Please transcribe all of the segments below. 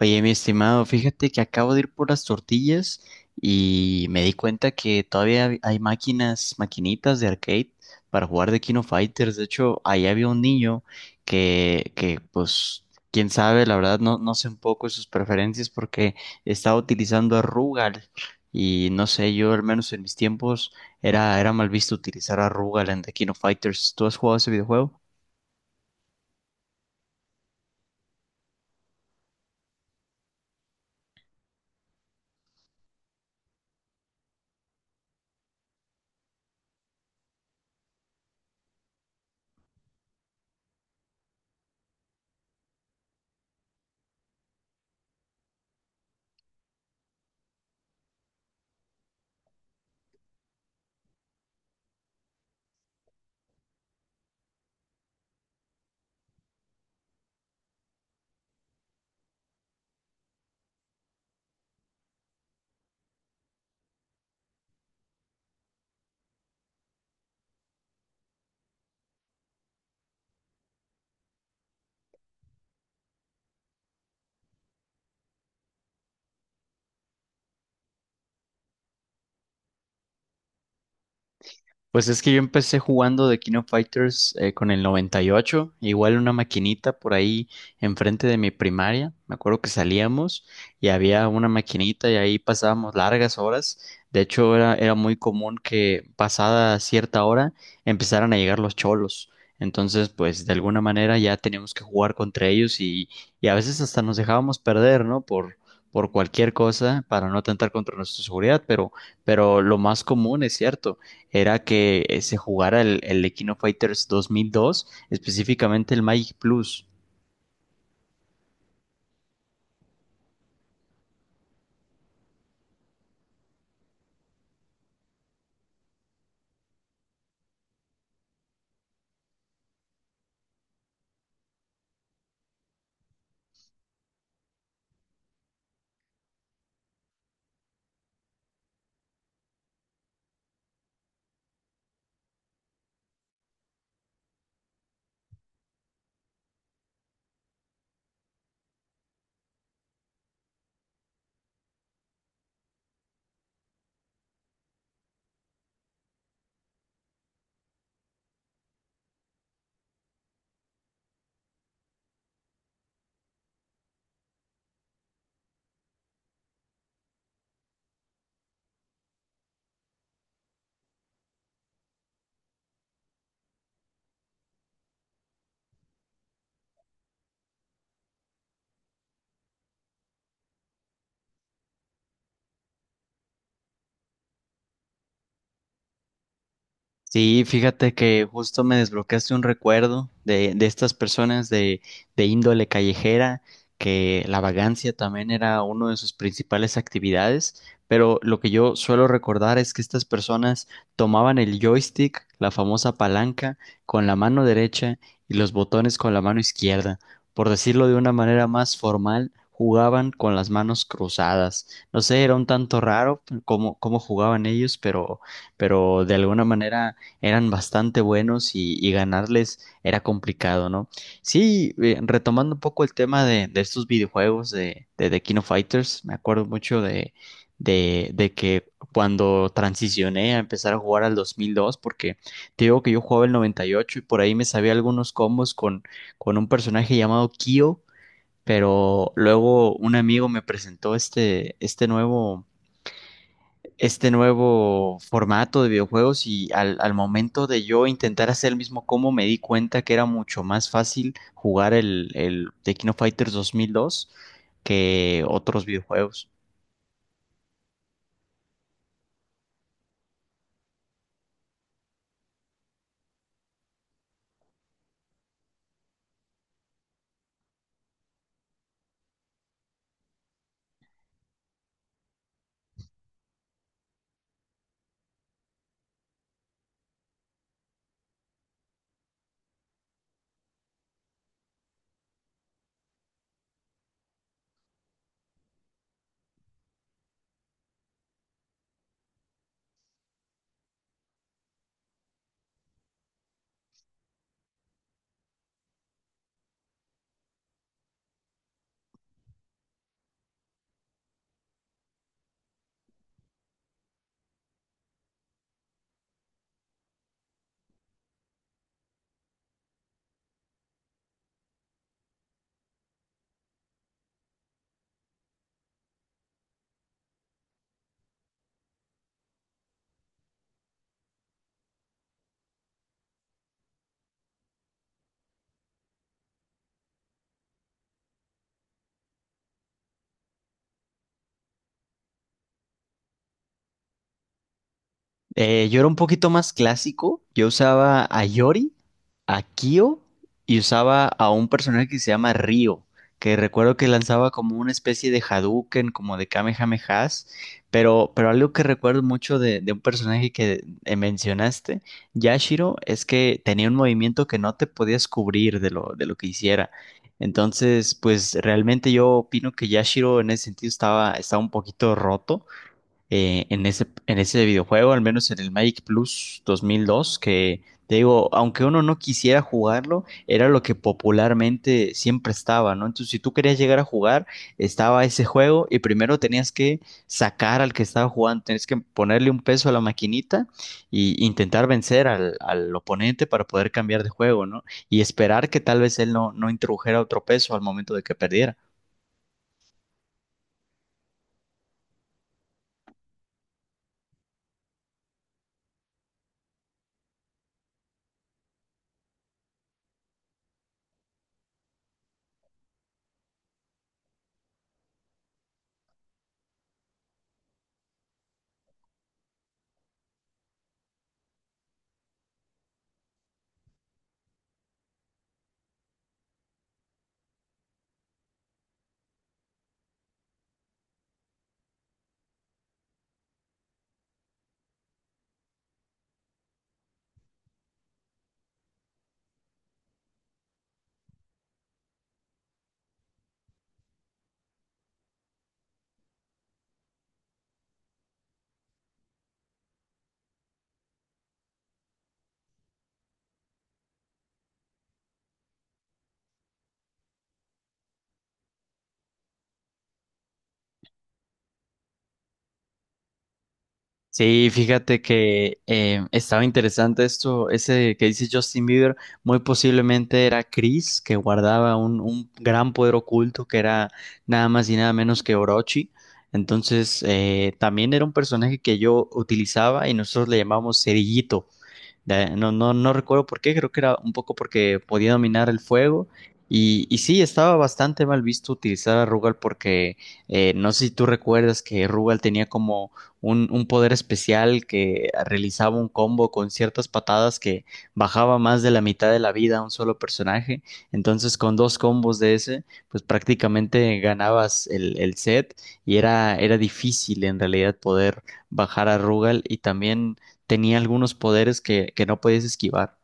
Oye, mi estimado, fíjate que acabo de ir por las tortillas y me di cuenta que todavía hay máquinas, maquinitas de arcade para jugar de Kino Fighters. De hecho, ahí había un niño que pues, quién sabe, la verdad no sé un poco de sus preferencias porque estaba utilizando a Rugal y no sé, yo al menos en mis tiempos era mal visto utilizar a Rugal en The Kino Fighters. ¿Tú has jugado ese videojuego? Pues es que yo empecé jugando de King of Fighters con el 98, igual una maquinita por ahí enfrente de mi primaria. Me acuerdo que salíamos y había una maquinita y ahí pasábamos largas horas. De hecho, era muy común que pasada cierta hora empezaran a llegar los cholos. Entonces, pues de alguna manera ya teníamos que jugar contra ellos y a veces hasta nos dejábamos perder, ¿no? Por cualquier cosa para no atentar contra nuestra seguridad, pero lo más común es cierto era que se jugara el Equino Fighters 2002, específicamente el Magic Plus. Sí, fíjate que justo me desbloqueaste un recuerdo de estas personas de índole callejera, que la vagancia también era una de sus principales actividades, pero lo que yo suelo recordar es que estas personas tomaban el joystick, la famosa palanca, con la mano derecha y los botones con la mano izquierda. Por decirlo de una manera más formal, jugaban con las manos cruzadas. No sé, era un tanto raro cómo jugaban ellos, pero de alguna manera eran bastante buenos y ganarles era complicado, ¿no? Sí, retomando un poco el tema de estos videojuegos de King of Fighters, me acuerdo mucho de que cuando transicioné a empezar a jugar al 2002, porque te digo que yo jugaba el 98 y ocho y por ahí me sabía algunos combos con un personaje llamado Kyo, pero luego un amigo me presentó este, este nuevo formato de videojuegos y al momento de yo intentar hacer el mismo combo me di cuenta que era mucho más fácil jugar el The King of Fighters 2002 que otros videojuegos. Yo era un poquito más clásico. Yo usaba a Yori, a Kyo y usaba a un personaje que se llama Ryo, que recuerdo que lanzaba como una especie de Hadouken, como de Kamehamehas. Pero algo que recuerdo mucho de un personaje que mencionaste, Yashiro, es que tenía un movimiento que no te podías cubrir de lo que hiciera. Entonces, pues realmente yo opino que Yashiro en ese sentido estaba un poquito roto en ese videojuego, al menos en el Magic Plus 2002, que te digo, aunque uno no quisiera jugarlo, era lo que popularmente siempre estaba, ¿no? Entonces, si tú querías llegar a jugar, estaba ese juego y primero tenías que sacar al que estaba jugando, tenías que ponerle un peso a la maquinita y intentar vencer al oponente para poder cambiar de juego, ¿no? Y esperar que tal vez él no introdujera otro peso al momento de que perdiera. Sí, fíjate que estaba interesante esto, ese que dice Justin Bieber, muy posiblemente era Chris, que guardaba un gran poder oculto que era nada más y nada menos que Orochi. Entonces, también era un personaje que yo utilizaba y nosotros le llamamos Cerillito no, no, no recuerdo por qué, creo que era un poco porque podía dominar el fuego. Y sí, estaba bastante mal visto utilizar a Rugal porque no sé si tú recuerdas que Rugal tenía como un poder especial que realizaba un combo con ciertas patadas que bajaba más de la mitad de la vida a un solo personaje. Entonces, con dos combos de ese, pues prácticamente ganabas el set y era difícil en realidad poder bajar a Rugal y también tenía algunos poderes que no podías esquivar.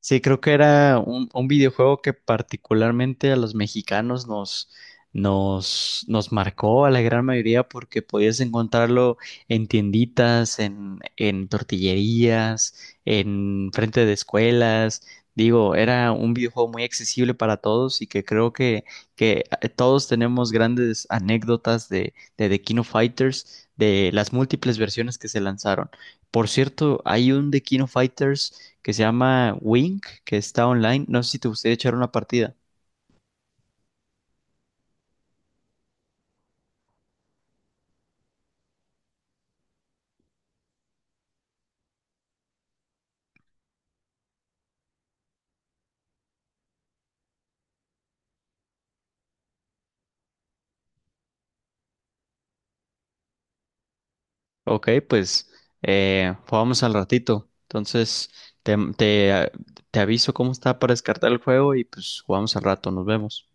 Sí, creo que era un videojuego que particularmente a los mexicanos nos marcó a la gran mayoría porque podías encontrarlo en tienditas, en tortillerías, en frente de escuelas. Digo, era un videojuego muy accesible para todos y que creo que todos tenemos grandes anécdotas de The King of Fighters, de las múltiples versiones que se lanzaron. Por cierto, hay un The King of Fighters que se llama Wing que está online. No sé si te gustaría echar una partida. Ok, pues jugamos al ratito. Entonces, te, te, te aviso cómo está para descartar el juego y pues jugamos al rato. Nos vemos.